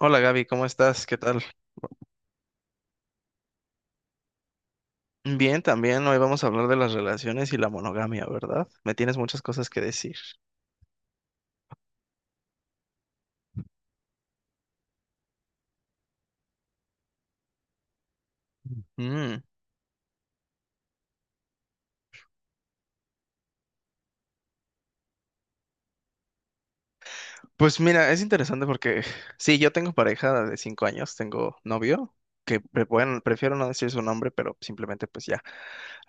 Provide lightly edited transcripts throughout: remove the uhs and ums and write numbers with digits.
Hola Gaby, ¿cómo estás? ¿Qué tal? Bien, también hoy vamos a hablar de las relaciones y la monogamia, ¿verdad? Me tienes muchas cosas que decir. Mm. Pues mira, es interesante porque sí, yo tengo pareja de 5 años, tengo novio, que bueno, prefiero no decir su nombre, pero simplemente pues ya.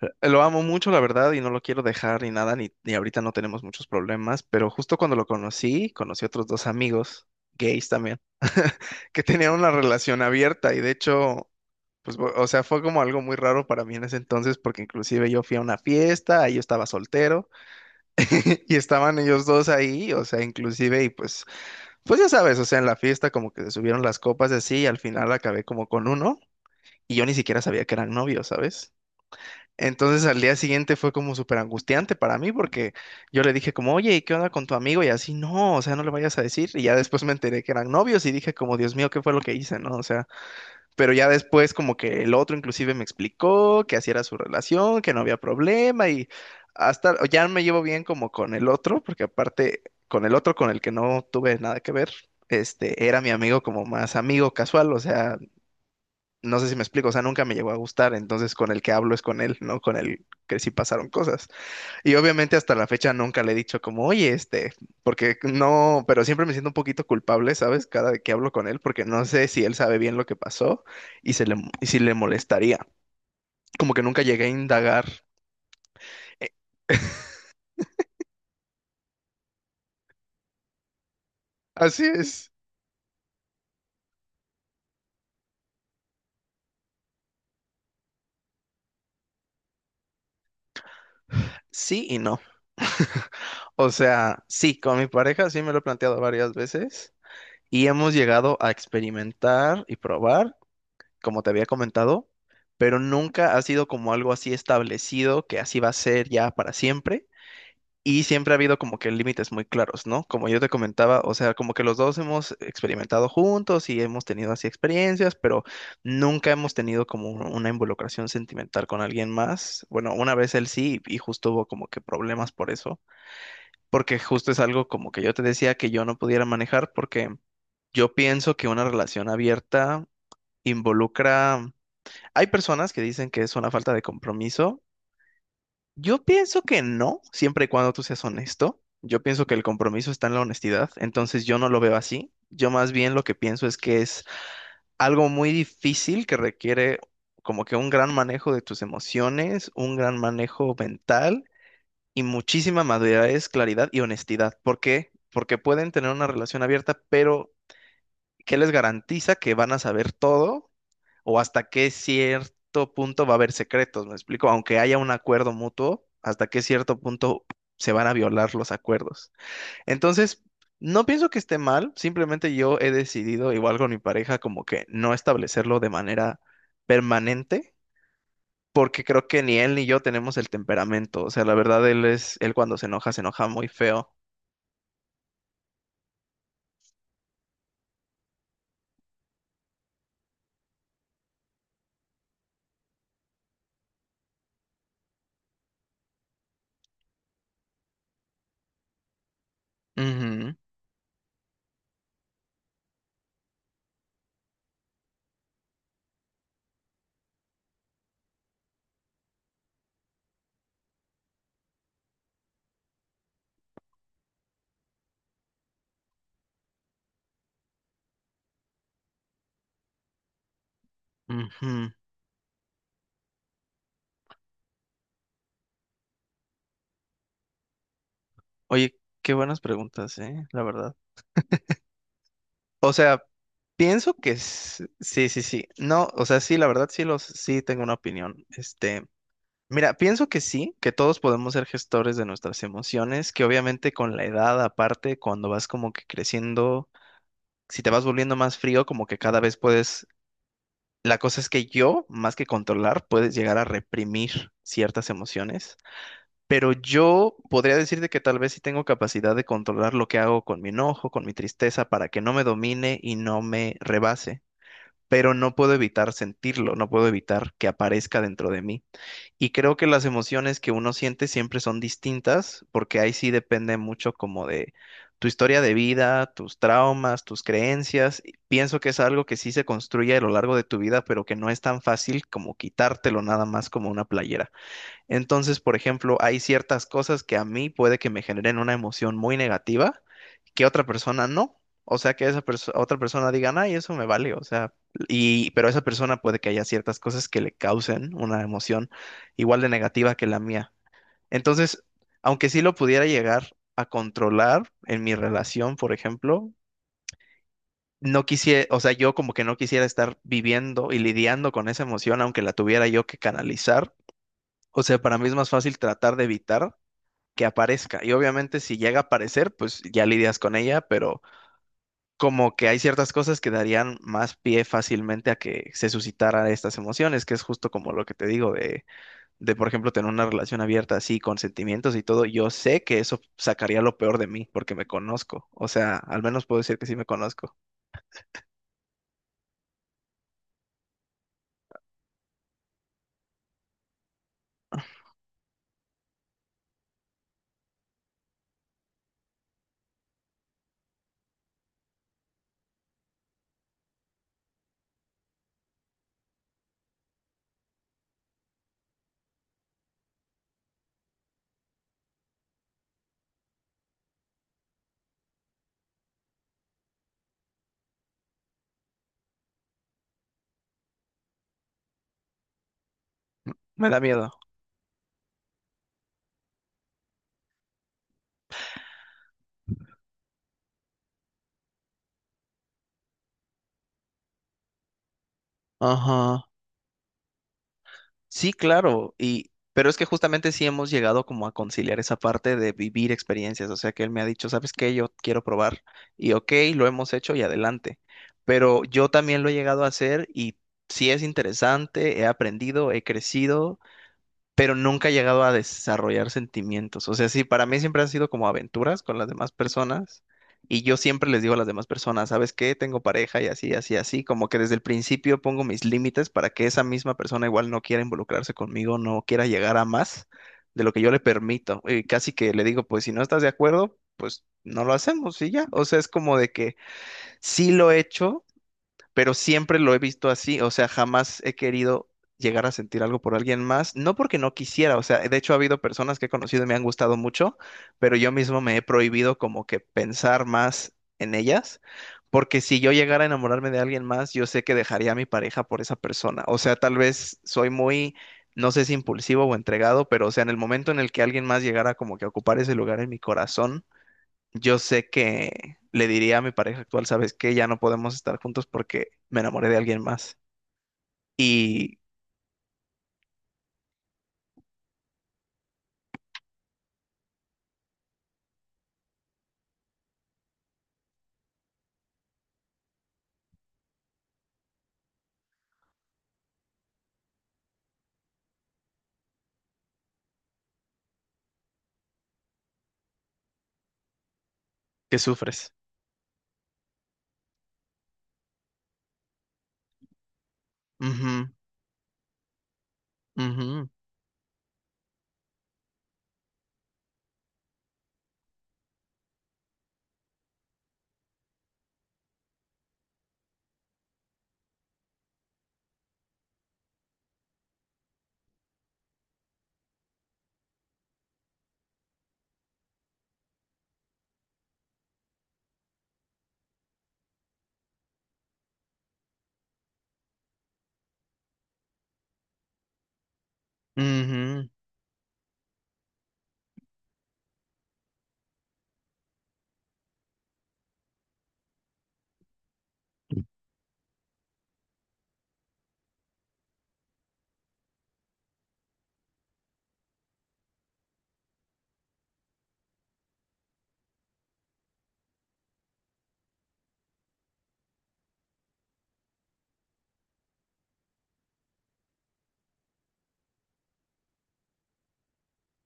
Lo amo mucho, la verdad, y no lo quiero dejar ni nada, ni ahorita no tenemos muchos problemas, pero justo cuando lo conocí, conocí otros dos amigos, gays también, que tenían una relación abierta y de hecho... Pues, o sea, fue como algo muy raro para mí en ese entonces, porque inclusive yo fui a una fiesta, ahí yo estaba soltero, y estaban ellos dos ahí, o sea, inclusive, y pues ya sabes, o sea, en la fiesta como que se subieron las copas y así, y al final acabé como con uno, y yo ni siquiera sabía que eran novios, ¿sabes? Entonces al día siguiente fue como súper angustiante para mí, porque yo le dije como, oye, ¿y qué onda con tu amigo? Y así, no, o sea, no le vayas a decir, y ya después me enteré que eran novios, y dije como, Dios mío, ¿qué fue lo que hice, no? O sea, pero ya después como que el otro inclusive me explicó que así era su relación, que no había problema y hasta ya me llevo bien como con el otro, porque aparte con el otro con el que no tuve nada que ver, este era mi amigo como más amigo casual, o sea, no sé si me explico, o sea, nunca me llegó a gustar, entonces con el que hablo es con él, no con el que sí pasaron cosas. Y obviamente hasta la fecha nunca le he dicho como, oye, este, porque no, pero siempre me siento un poquito culpable, ¿sabes? Cada que hablo con él, porque no sé si él sabe bien lo que pasó y y si le molestaría. Como que nunca llegué a indagar. Eh, Así es. Sí y no. O sea, sí, con mi pareja sí me lo he planteado varias veces y hemos llegado a experimentar y probar, como te había comentado, pero nunca ha sido como algo así establecido que así va a ser ya para siempre. Y siempre ha habido como que límites muy claros, ¿no? Como yo te comentaba, o sea, como que los dos hemos experimentado juntos y hemos tenido así experiencias, pero nunca hemos tenido como una involucración sentimental con alguien más. Bueno, una vez él sí, y justo hubo como que problemas por eso, porque justo es algo como que yo te decía que yo no pudiera manejar, porque yo pienso que una relación abierta involucra... Hay personas que dicen que es una falta de compromiso, yo pienso que no, siempre y cuando tú seas honesto. Yo pienso que el compromiso está en la honestidad, entonces yo no lo veo así. Yo más bien lo que pienso es que es algo muy difícil que requiere como que un gran manejo de tus emociones, un gran manejo mental y muchísima madurez, claridad y honestidad. ¿Por qué? Porque pueden tener una relación abierta, pero ¿qué les garantiza que van a saber todo? O hasta qué cierto punto va a haber secretos, ¿me explico? Aunque haya un acuerdo mutuo, hasta qué cierto punto se van a violar los acuerdos. Entonces, no pienso que esté mal, simplemente yo he decidido, igual con mi pareja, como que no establecerlo de manera permanente. Porque creo que ni él ni yo tenemos el temperamento. O sea, la verdad, él es, él cuando se enoja muy feo. Ujú, ujú. Oye, qué buenas preguntas, ¿eh? La verdad. O sea, pienso que sí, sí, sí. No, o sea, sí, la verdad sí tengo una opinión. Este, mira, pienso que sí, que todos podemos ser gestores de nuestras emociones, que obviamente con la edad, aparte, cuando vas como que creciendo, si te vas volviendo más frío, como que cada vez puedes, la cosa es que yo, más que controlar, puedes llegar a reprimir ciertas emociones. Pero yo podría decirte que tal vez sí tengo capacidad de controlar lo que hago con mi enojo, con mi tristeza, para que no me domine y no me rebase, pero no puedo evitar sentirlo, no puedo evitar que aparezca dentro de mí. Y creo que las emociones que uno siente siempre son distintas, porque ahí sí depende mucho como de tu historia de vida, tus traumas, tus creencias. Y pienso que es algo que sí se construye a lo largo de tu vida, pero que no es tan fácil como quitártelo nada más como una playera. Entonces, por ejemplo, hay ciertas cosas que a mí puede que me generen una emoción muy negativa que otra persona no. O sea, que esa otra persona diga, ay, eso me vale, o sea, y pero esa persona puede que haya ciertas cosas que le causen una emoción igual de negativa que la mía. Entonces, aunque sí lo pudiera llegar a controlar en mi relación, por ejemplo, no quisiera, o sea, yo como que no quisiera estar viviendo y lidiando con esa emoción, aunque la tuviera yo que canalizar. O sea, para mí es más fácil tratar de evitar que aparezca. Y obviamente si llega a aparecer, pues ya lidias con ella, pero como que hay ciertas cosas que darían más pie fácilmente a que se suscitaran estas emociones, que es justo como lo que te digo de, por ejemplo, tener una relación abierta así, con sentimientos y todo. Yo sé que eso sacaría lo peor de mí, porque me conozco. O sea, al menos puedo decir que sí me conozco. Me da miedo. Ajá. Sí, claro, y pero es que justamente sí hemos llegado como a conciliar esa parte de vivir experiencias, o sea que él me ha dicho, ¿sabes qué? Yo quiero probar y ok, lo hemos hecho y adelante, pero yo también lo he llegado a hacer y sí es interesante, he aprendido, he crecido, pero nunca he llegado a desarrollar sentimientos. O sea, sí, para mí siempre han sido como aventuras con las demás personas y yo siempre les digo a las demás personas, ¿sabes qué? Tengo pareja y así, así, así, como que desde el principio pongo mis límites para que esa misma persona igual no quiera involucrarse conmigo, no quiera llegar a más de lo que yo le permito. Y casi que le digo, pues si no estás de acuerdo, pues no lo hacemos y ya. O sea, es como de que sí lo he hecho, pero siempre lo he visto así, o sea, jamás he querido llegar a sentir algo por alguien más, no porque no quisiera, o sea, de hecho ha habido personas que he conocido y me han gustado mucho, pero yo mismo me he prohibido como que pensar más en ellas, porque si yo llegara a enamorarme de alguien más, yo sé que dejaría a mi pareja por esa persona, o sea, tal vez soy muy, no sé si impulsivo o entregado, pero o sea, en el momento en el que alguien más llegara como que a ocupar ese lugar en mi corazón, yo sé que le diría a mi pareja actual, sabes que ya no podemos estar juntos porque me enamoré de alguien más y que sufres. Ujú, ujú, ujú,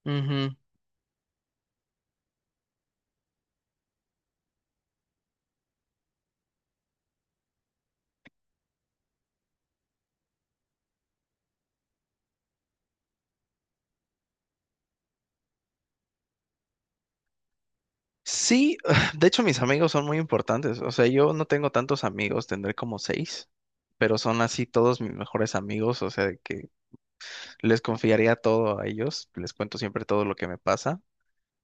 ujú. Sí, de hecho mis amigos son muy importantes. O sea, yo no tengo tantos amigos, tendré como seis, pero son así todos mis mejores amigos. O sea, de que les confiaría todo a ellos, les cuento siempre todo lo que me pasa.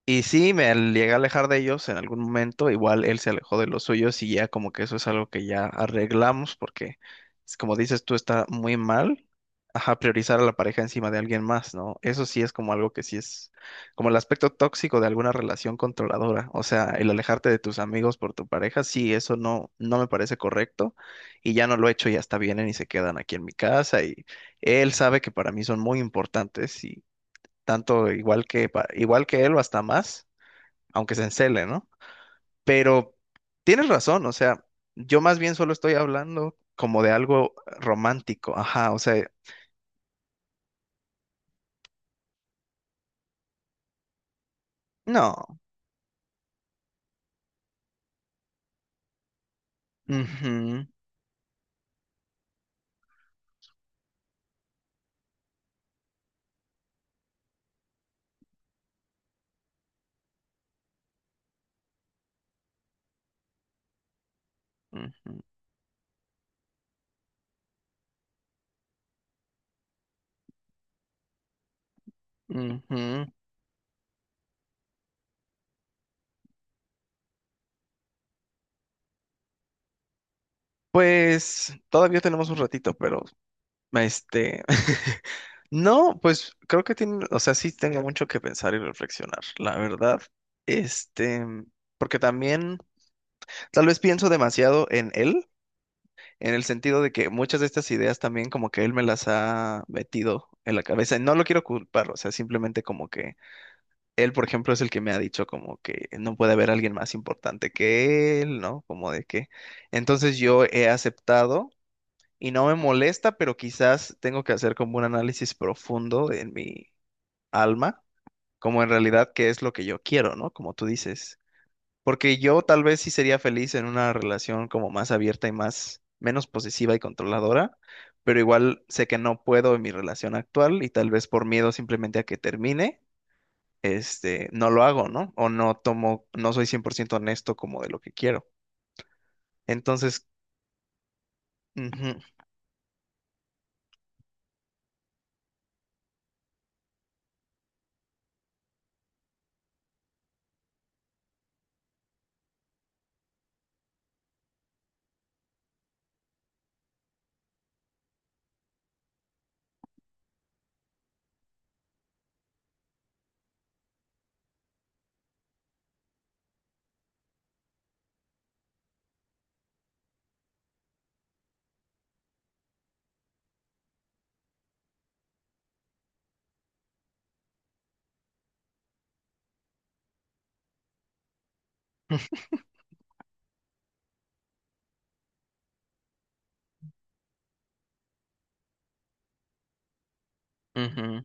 Y sí, me llegué a alejar de ellos en algún momento, igual él se alejó de los suyos y ya como que eso es algo que ya arreglamos porque, es como dices tú, está muy mal, ajá, priorizar a la pareja encima de alguien más, ¿no? Eso sí es como algo que sí es como el aspecto tóxico de alguna relación controladora, o sea, el alejarte de tus amigos por tu pareja, sí, eso no, no me parece correcto y ya no lo he hecho, ya hasta vienen y se quedan aquí en mi casa y él sabe que para mí son muy importantes y tanto igual que, igual que él o hasta más aunque se encele, ¿no? Pero tienes razón, o sea, yo más bien solo estoy hablando como de algo romántico, ajá, o sea, no. Ujú, ujú, ujú. Pues todavía tenemos un ratito, pero este, no, pues creo que tiene, o sea, sí tengo mucho que pensar y reflexionar, la verdad. Este, porque también tal vez pienso demasiado en él, en el sentido de que muchas de estas ideas también como que él me las ha metido en la cabeza. Y no lo quiero culpar, o sea, simplemente como que él, por ejemplo, es el que me ha dicho como que no puede haber alguien más importante que él, ¿no? Como de que. Entonces yo he aceptado y no me molesta, pero quizás tengo que hacer como un análisis profundo en mi alma, como en realidad qué es lo que yo quiero, ¿no? Como tú dices. Porque yo tal vez sí sería feliz en una relación como más abierta y más menos posesiva y controladora, pero igual sé que no puedo en mi relación actual y tal vez por miedo simplemente a que termine, este, no lo hago, ¿no? O no tomo, no soy 100% honesto como de lo que quiero. Entonces, ujú, ujú,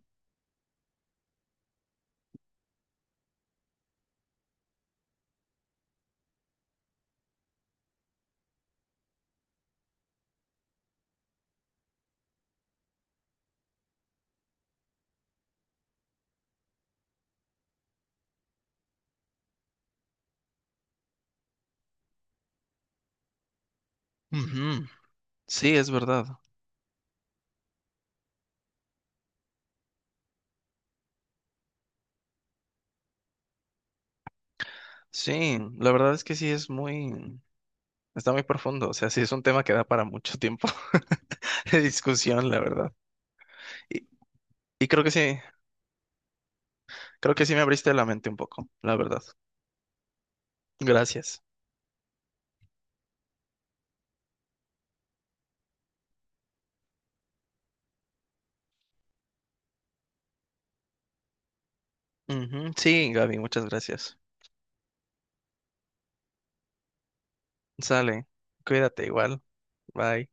ujú. Sí, es verdad. Sí, la verdad es que sí es muy, está muy profundo, o sea, sí es un tema que da para mucho tiempo de discusión, la verdad. Y, y creo que sí. Creo que sí me abriste la mente un poco, la verdad. Gracias. Ujú, sí, Gaby, muchas gracias. Sale, cuídate igual. Bye.